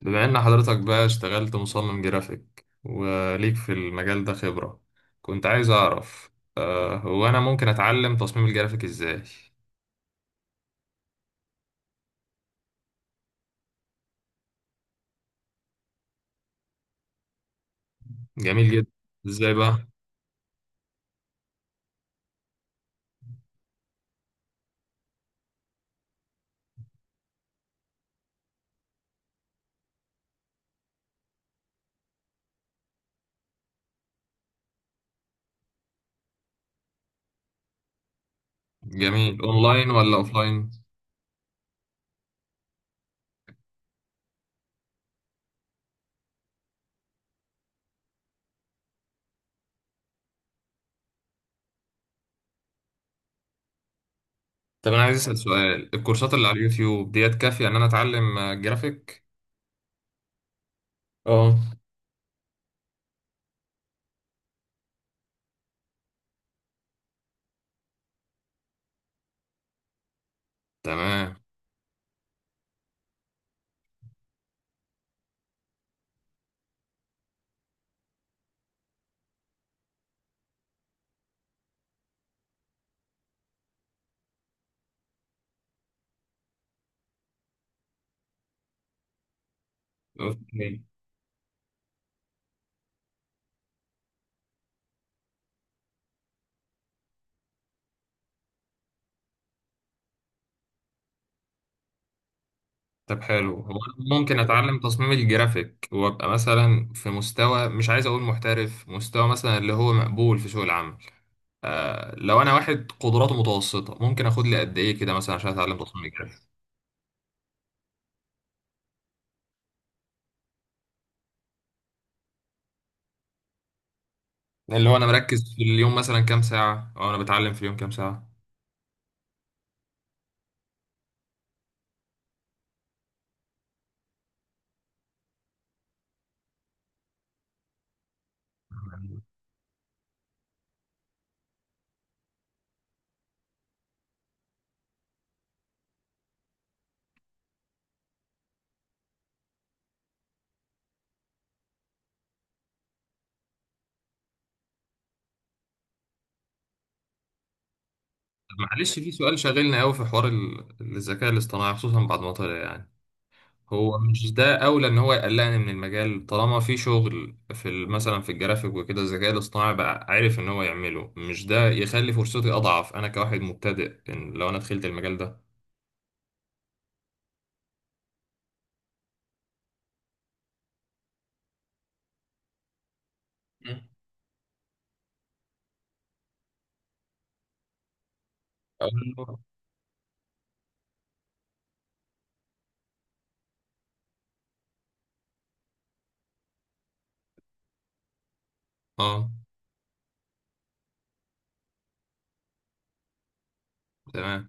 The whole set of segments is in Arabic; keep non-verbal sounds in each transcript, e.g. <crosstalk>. بما ان حضرتك بقى اشتغلت مصمم جرافيك وليك في المجال ده خبرة. كنت عايز اعرف، هو انا ممكن اتعلم تصميم الجرافيك ازاي؟ جميل جدا. ازاي بقى؟ جميل. اونلاين ولا اوفلاين؟ طب انا عايز اسال سؤال، الكورسات اللي على اليوتيوب ديت كافية ان انا اتعلم جرافيك؟ اه. تمام. اوكي. طب حلو، هو أنا ممكن اتعلم تصميم الجرافيك وابقى مثلا في مستوى، مش عايز اقول محترف، مستوى مثلا اللي هو مقبول في سوق العمل؟ لو انا واحد قدراته متوسطه ممكن اخد لي قد ايه كده مثلا عشان اتعلم تصميم جرافي؟ اللي هو انا مركز في اليوم مثلا كام ساعه، او انا بتعلم في اليوم كام ساعه؟ طب معلش، في سؤال شاغلنا قوي في حوار الذكاء الاصطناعي خصوصا بعد ما طلع يعني. هو مش ده اولى ان هو يقلقني من المجال طالما في شغل في مثلا في الجرافيك وكده الذكاء الاصطناعي بقى عارف ان هو يعمله؟ مش ده يخلي فرصتي اضعف انا كواحد مبتدئ إن لو انا دخلت المجال ده؟ مم. اه. آه، تمام.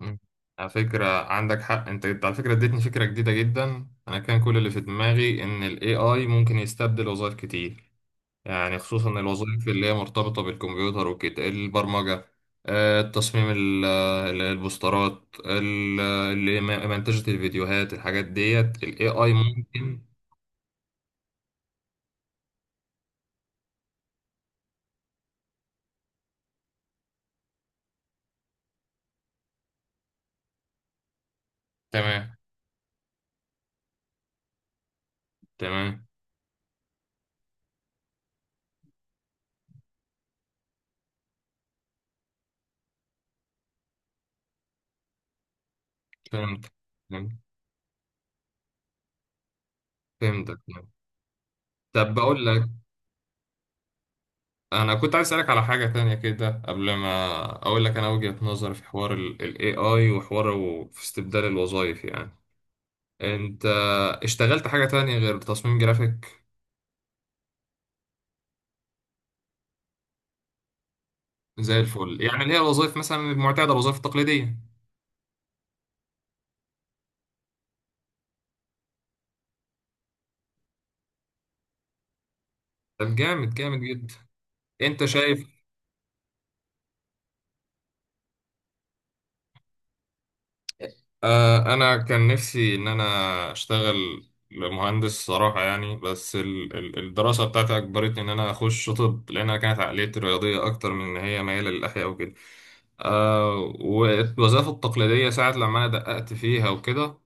مم. على فكرة عندك حق. انت على فكرة اديتني فكرة جديدة جدا. انا كان كل اللي في دماغي ان ال AI ممكن يستبدل وظائف كتير، يعني خصوصا الوظائف اللي هي مرتبطة بالكمبيوتر وكده البرمجة، التصميم البوسترات اللي منتجة الفيديوهات، الحاجات ديت ال AI ممكن. تمام. تمام. فهمت. فهمت- فهمتك. طب بقول لك، انا كنت عايز اسالك على حاجه تانية كده قبل ما اقول لك انا وجهه نظري في حوار الاي اي وحواره في استبدال الوظائف يعني. انت اشتغلت حاجه تانية غير تصميم جرافيك؟ زي الفل، يعني اللي هي الوظائف مثلا المعتاده، الوظائف التقليديه. طب جامد، جامد جدا. انت شايف؟ انا كان نفسي ان انا اشتغل مهندس صراحه يعني، بس الدراسه بتاعتي اجبرتني ان انا اخش طب لانها كانت عقليتي رياضيه اكتر من ان هي مايله للاحياء. آه والوظائف التقليدية ساعة لما أنا دققت فيها وكده،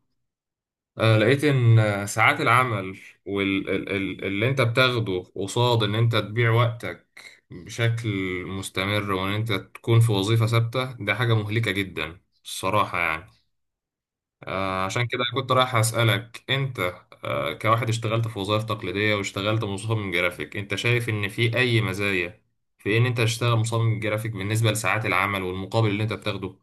لقيت إن ساعات العمل واللي أنت بتاخده قصاد إن أنت تبيع وقتك بشكل مستمر، وإن أنت تكون في وظيفة ثابتة ده حاجة مهلكة جدا الصراحة يعني. عشان كده كنت رايح أسألك أنت، كواحد اشتغلت في وظائف تقليدية واشتغلت مصمم جرافيك، أنت شايف إن في أي مزايا في إن أنت تشتغل مصمم جرافيك بالنسبة لساعات العمل والمقابل اللي أنت بتاخده؟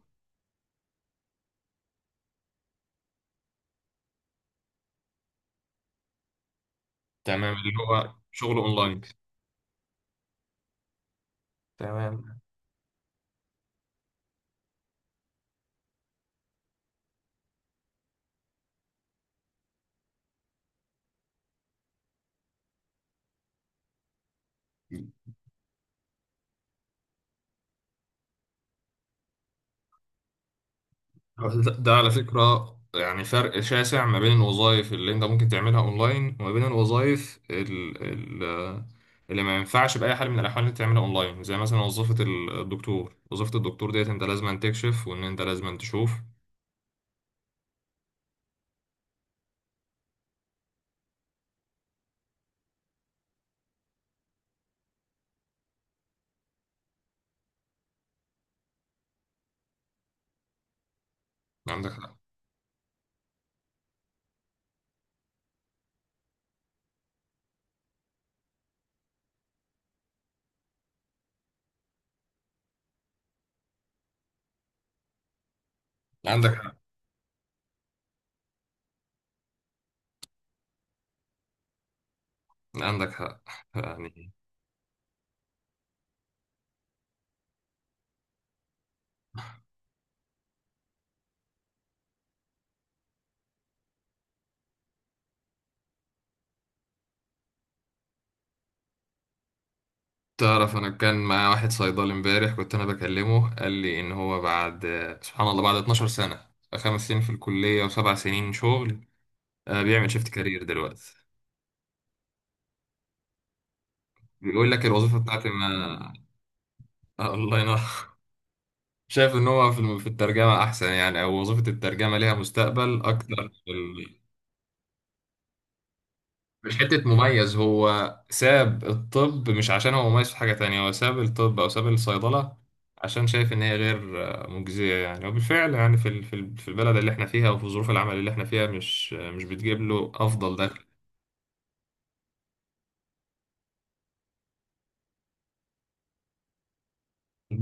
تمام، اللي هو شغل اونلاين. تمام. ده على فكرة يعني فرق شاسع ما بين الوظائف اللي انت ممكن تعملها اونلاين وما بين الوظائف ال- اللي ما ينفعش بأي حال من الأحوال انك تعملها اونلاين، زي مثلا وظيفة الدكتور. وظيفة الدكتور ديت انت لازم أن تكشف وان انت لازم أن تشوف. عندك حق. عندك حق. عندك حق يعني. تعرف انا كان معايا واحد صيدلي امبارح كنت انا بكلمه، قال لي ان هو بعد، سبحان الله، بعد 12 سنة، 5 سنين في الكلية وسبع سنين شغل، بيعمل شيفت كارير دلوقتي. بيقول لك الوظيفة بتاعتي ما، الله ينور. <laughs> شايف ان هو في في الترجمة احسن يعني؟ او وظيفة الترجمة ليها مستقبل اكتر في ال-؟ مش حتة مميز، هو ساب الطب مش عشان هو مميز في حاجة تانية، هو ساب الطب او ساب الصيدلة عشان شايف ان هي غير مجزية يعني. وبالفعل يعني في ال- في ال- في البلد اللي احنا فيها وفي ظروف العمل اللي احنا فيها مش مش بتجيب له افضل دخل.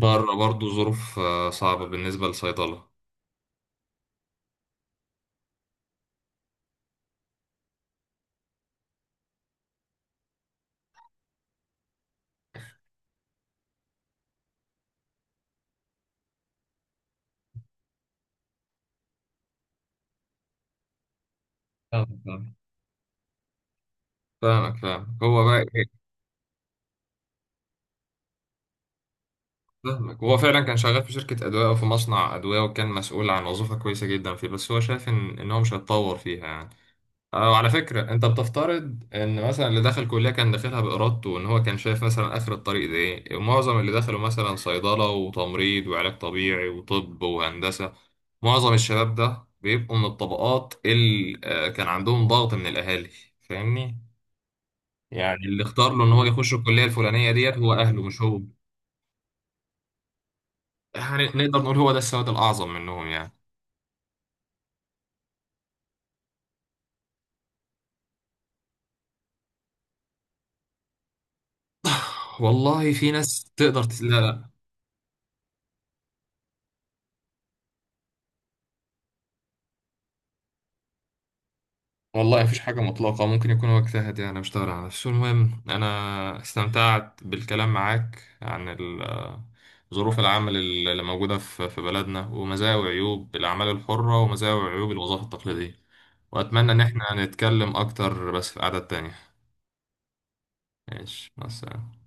بره برضه ظروف صعبة بالنسبة للصيدلة. آه، فاهمك. فاهمك. هو بقى ايه؟ فاهمك. هو فعلا كان شغال في شركة أدوية أو في مصنع أدوية، وكان مسؤول عن وظيفة كويسة جدا فيه، بس هو شايف إن هو مش هيتطور فيها يعني. أه وعلى فكرة أنت بتفترض إن مثلا اللي دخل كلية كان داخلها بإرادته وإن هو كان شايف مثلا آخر الطريق ده إيه. ومعظم اللي دخلوا مثلا صيدلة وتمريض وعلاج طبيعي وطب وهندسة، معظم الشباب ده بيبقوا من الطبقات اللي كان عندهم ضغط من الأهالي. فاهمني؟ يعني اللي اختار له إن هو يخش الكلية الفلانية ديت هو أهله مش هو. يعني نقدر نقول هو ده السواد الأعظم منهم يعني. والله في ناس تقدر لا، لا. والله مفيش حاجة مطلقة، ممكن يكون هو اجتهد يعني مش على نفسه. المهم أنا استمتعت بالكلام معاك عن ظروف العمل اللي موجودة في بلدنا، ومزايا وعيوب الأعمال الحرة، ومزايا وعيوب الوظائف التقليدية. وأتمنى إن احنا نتكلم أكتر بس في قعدة تانية. ماشي، مع السلامة.